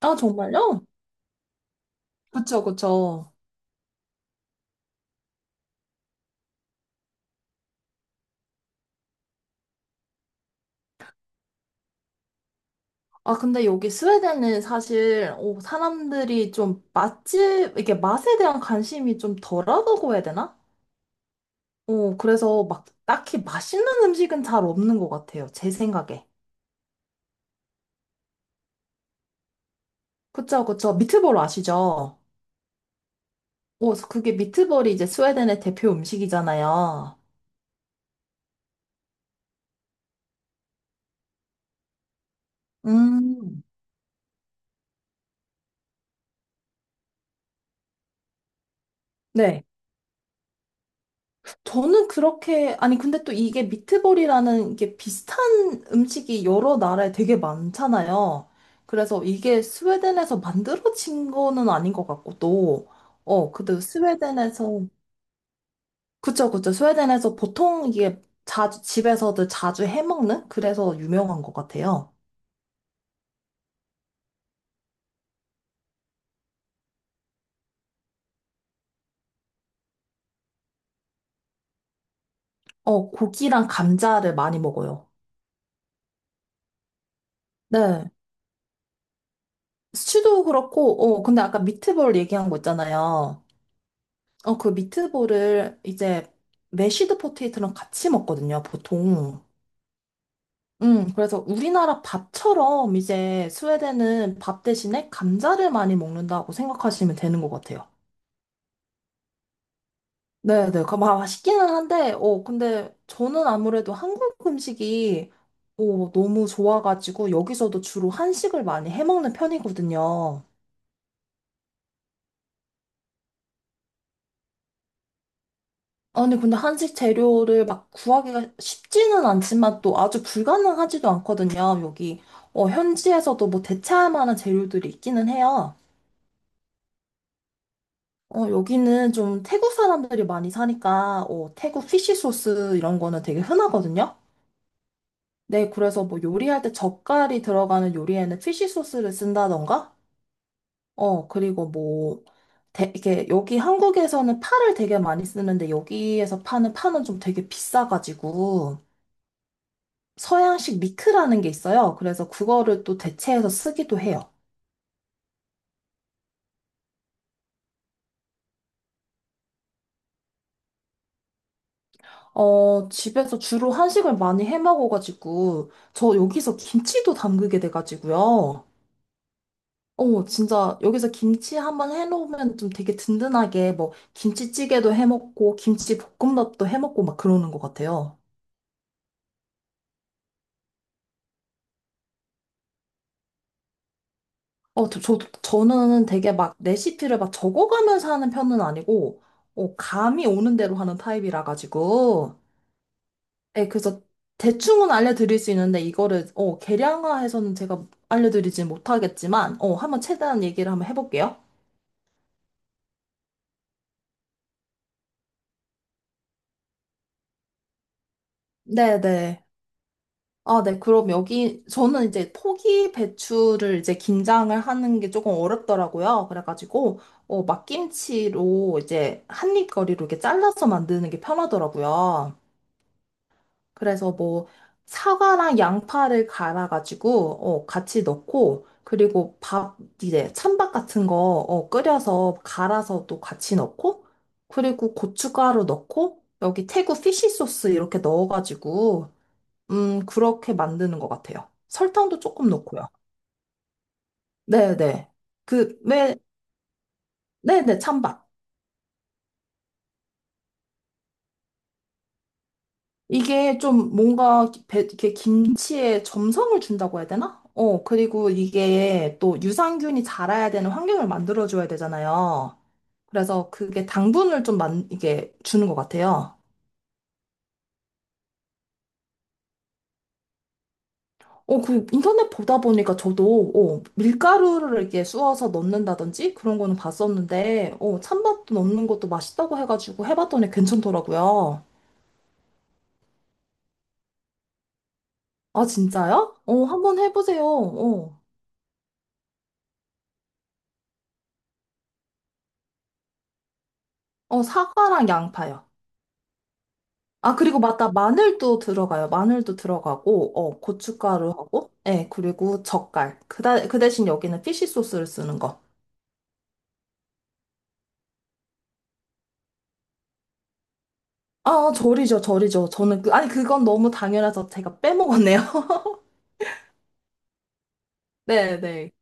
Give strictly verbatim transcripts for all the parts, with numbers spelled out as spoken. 아, 정말요? 그쵸, 그쵸. 아, 근데 여기 스웨덴은 사실, 어, 사람들이 좀 맛집, 이게 맛에 대한 관심이 좀 덜하다고 해야 되나? 어, 그래서 막 딱히 맛있는 음식은 잘 없는 것 같아요. 제 생각에. 그쵸, 그쵸. 미트볼 아시죠? 어, 그게 미트볼이 이제 스웨덴의 대표 음식이잖아요. 음. 네. 저는 그렇게, 아니, 근데 또 이게 미트볼이라는 이게 비슷한 음식이 여러 나라에 되게 많잖아요. 그래서 이게 스웨덴에서 만들어진 거는 아닌 것 같고, 또, 어, 근데 스웨덴에서, 그쵸, 그쵸. 스웨덴에서 보통 이게 자주, 집에서도 자주 해먹는? 그래서 유명한 것 같아요. 어, 고기랑 감자를 많이 먹어요. 네. 스튜도 그렇고, 어, 근데 아까 미트볼 얘기한 거 있잖아요. 어, 그 미트볼을 이제 메쉬드 포테이토랑 같이 먹거든요, 보통. 음, 그래서 우리나라 밥처럼 이제 스웨덴은 밥 대신에 감자를 많이 먹는다고 생각하시면 되는 것 같아요. 네네. 그, 마- 맛있기는 한데, 어, 근데 저는 아무래도 한국 음식이 어, 너무 좋아가지고 여기서도 주로 한식을 많이 해먹는 편이거든요. 아니, 근데 한식 재료를 막 구하기가 쉽지는 않지만 또 아주 불가능하지도 않거든요. 여기, 어, 현지에서도 뭐 대체할 만한 재료들이 있기는 해요. 어, 여기는 좀 태국 사람들이 많이 사니까, 어, 태국 피쉬 소스 이런 거는 되게 흔하거든요. 네, 그래서 뭐 요리할 때 젓갈이 들어가는 요리에는 피쉬 소스를 쓴다던가, 어, 그리고 뭐, 대, 이게 여기 한국에서는 파를 되게 많이 쓰는데 여기에서 파는 파는 좀 되게 비싸가지고, 서양식 미크라는 게 있어요. 그래서 그거를 또 대체해서 쓰기도 해요. 어, 집에서 주로 한식을 많이 해 먹어가지고, 저 여기서 김치도 담그게 돼가지고요. 어, 진짜 여기서 김치 한번 해놓으면 좀 되게 든든하게 뭐 김치찌개도 해 먹고, 김치 볶음밥도 해 먹고 막 그러는 것 같아요. 어, 저, 저, 저는 되게 막 레시피를 막 적어가면서 하는 편은 아니고, 어, 감이 오는 대로 하는 타입이라 가지고, 네, 그래서 대충은 알려드릴 수 있는데 이거를 어, 계량화해서는 제가 알려드리진 못하겠지만 어, 한번 최대한 얘기를 한번 해볼게요. 네네. 아, 네. 그럼 여기 저는 이제 포기 배추를 이제 김장을 하는 게 조금 어렵더라고요. 그래가지고 어, 막김치로 이제 한입 거리로 이렇게 잘라서 만드는 게 편하더라고요. 그래서 뭐 사과랑 양파를 갈아가지고 어, 같이 넣고 그리고 밥 이제 찬밥 같은 거 어, 끓여서 갈아서 또 같이 넣고 그리고 고춧가루 넣고 여기 태국 피쉬 소스 이렇게 넣어가지고 음 그렇게 만드는 것 같아요. 설탕도 조금 넣고요. 네네. 그 왜 네네 찬밥. 이게 좀 뭔가 배- 이렇게 김치에 점성을 준다고 해야 되나? 어, 그리고 이게 또 유산균이 자라야 되는 환경을 만들어줘야 되잖아요. 그래서 그게 당분을 좀 만, 이게 주는 것 같아요. 어, 그 인터넷 보다 보니까 저도, 어, 밀가루를 이렇게 쑤어서 넣는다든지 그런 거는 봤었는데, 어, 찬밥도 넣는 것도 맛있다고 해가지고 해봤더니 괜찮더라고요. 아, 진짜요? 어, 한번 해보세요. 어, 어, 사과랑 양파요. 아, 그리고 맞다. 마늘도 들어가요. 마늘도 들어가고, 어, 고춧가루하고, 예, 그리고 젓갈. 그, 다, 그 대신 여기는 피쉬 소스를 쓰는 거. 아, 절이죠, 절이죠. 저는 그, 아니, 그건 너무 당연해서 제가 빼먹었네요. 네, 네.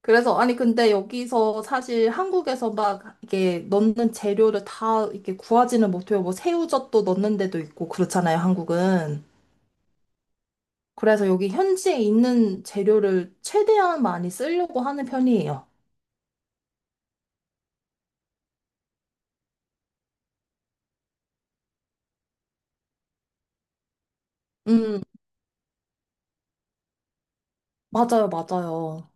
그래서, 아니, 근데 여기서 사실 한국에서 막 이게 넣는 재료를 다 이렇게 구하지는 못해요. 뭐 새우젓도 넣는 데도 있고, 그렇잖아요, 한국은. 그래서 여기 현지에 있는 재료를 최대한 많이 쓰려고 하는 편이에요. 음, 맞아요, 맞아요.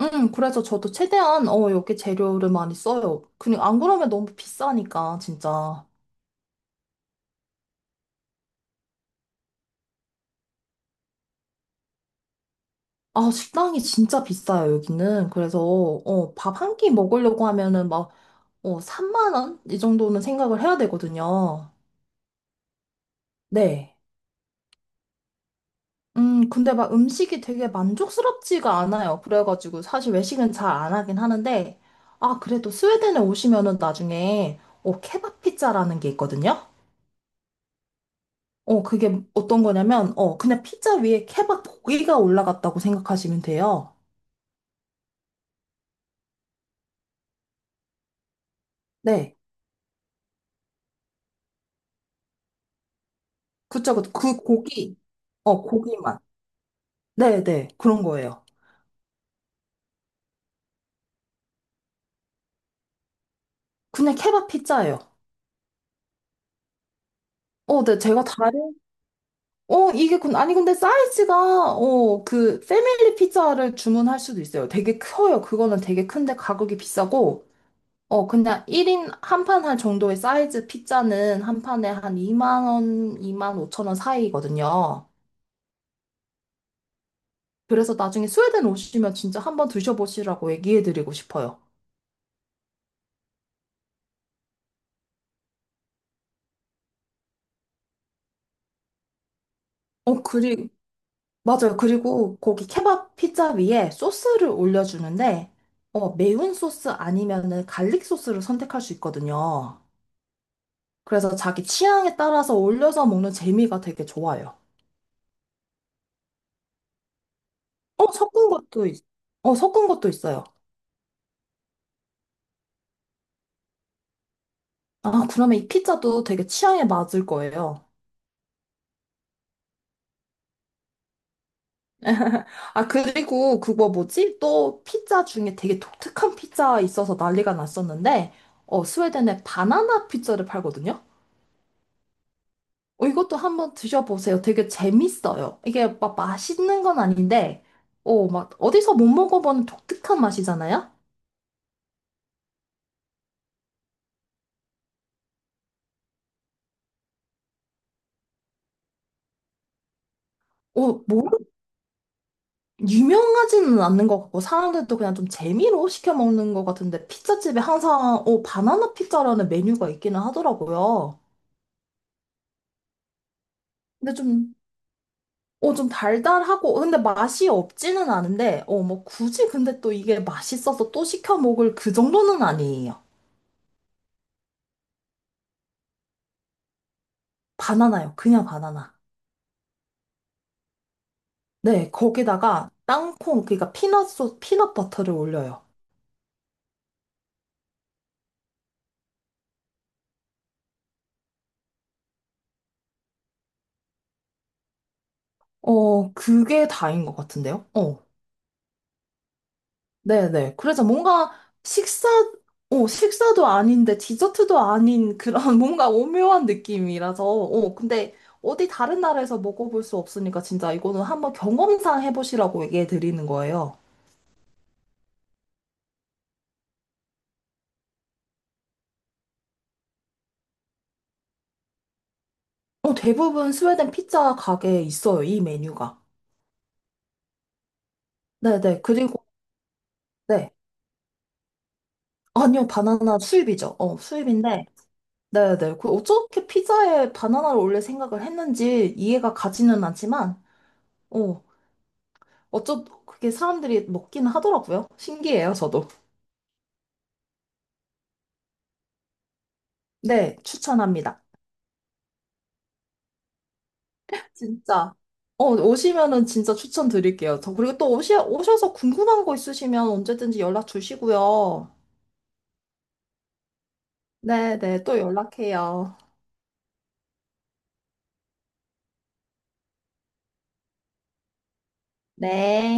음, 그래서 저도 최대한, 어, 여기 재료를 많이 써요. 그냥 안 그러면 너무 비싸니까, 진짜. 아, 식당이 진짜 비싸요, 여기는. 그래서, 어, 밥 한 끼 먹으려고 하면은 막, 어, 삼만 원? 이 정도는 생각을 해야 되거든요. 네. 음, 근데 막 음식이 되게 만족스럽지가 않아요. 그래가지고 사실 외식은 잘 안 하긴 하는데, 아, 그래도 스웨덴에 오시면은 나중에, 어, 케밥 피자라는 게 있거든요. 어, 그게 어떤 거냐면, 어, 그냥 피자 위에 케밥 고기가 올라갔다고 생각하시면 돼요. 네. 그쵸, 그쵸. 그 고기, 어, 고기만. 네네. 그런 거예요. 그냥 케밥 피자예요. 어, 네. 제가 다른, 어, 이게, 근 아니, 근데 사이즈가, 어, 그, 패밀리 피자를 주문할 수도 있어요. 되게 커요. 그거는 되게 큰데 가격이 비싸고, 어, 그냥 일 인 한 판 할 정도의 사이즈 피자는 한 판에 한 이만 원, 이만 오천 원 사이거든요. 그래서 나중에 스웨덴 오시면 진짜 한번 드셔보시라고 얘기해드리고 싶어요. 어, 그리, 맞아요. 그리고 거기 케밥 피자 위에 소스를 올려주는데, 어, 매운 소스 아니면은 갈릭 소스를 선택할 수 있거든요. 그래서 자기 취향에 따라서 올려서 먹는 재미가 되게 좋아요. 어, 섞은 것도, 있, 어, 섞은 것도 있어요. 아, 그러면 이 피자도 되게 취향에 맞을 거예요. 아, 그리고 그거 뭐지? 또 피자 중에 되게 독특한 피자 있어서 난리가 났었는데, 어, 스웨덴에 바나나 피자를 팔거든요? 어, 이것도 한번 드셔보세요. 되게 재밌어요. 이게 막 맛있는 건 아닌데, 어, 막 어디서 못 먹어보는 독특한 맛이잖아요? 어, 뭐, 유명하지는 않는 것 같고, 사람들도 그냥 좀 재미로 시켜 먹는 것 같은데, 피자집에 항상, 어, 바나나 피자라는 메뉴가 있기는 하더라고요. 근데 좀 어, 좀 달달하고, 어, 근데 맛이 없지는 않은데, 어, 뭐, 굳이 근데 또 이게 맛있어서 또 시켜 먹을 그 정도는 아니에요. 바나나요. 그냥 바나나. 네, 거기다가 땅콩, 그러니까 피넛 소, 피넛 버터를 올려요. 어, 그게 다인 것 같은데요? 어, 네네. 그래서 뭔가 식사, 어, 식사도 아닌데 디저트도 아닌 그런 뭔가 오묘한 느낌이라서, 어, 근데 어디 다른 나라에서 먹어볼 수 없으니까 진짜 이거는 한번 경험상 해보시라고 얘기해 드리는 거예요. 어, 대부분 스웨덴 피자 가게에 있어요, 이 메뉴가. 네네. 그리고, 네. 아니요, 바나나 수입이죠. 어, 수입인데. 네네. 그 어떻게 피자에 바나나를 올릴 생각을 했는지 이해가 가지는 않지만, 어, 어쩌, 그게 사람들이 먹기는 하더라고요. 신기해요, 저도. 네, 추천합니다. 진짜. 어, 오시면은 진짜 추천드릴게요. 저, 그리고 또 오셔, 오셔서 궁금한 거 있으시면 언제든지 연락 주시고요. 네네, 또 연락해요. 네.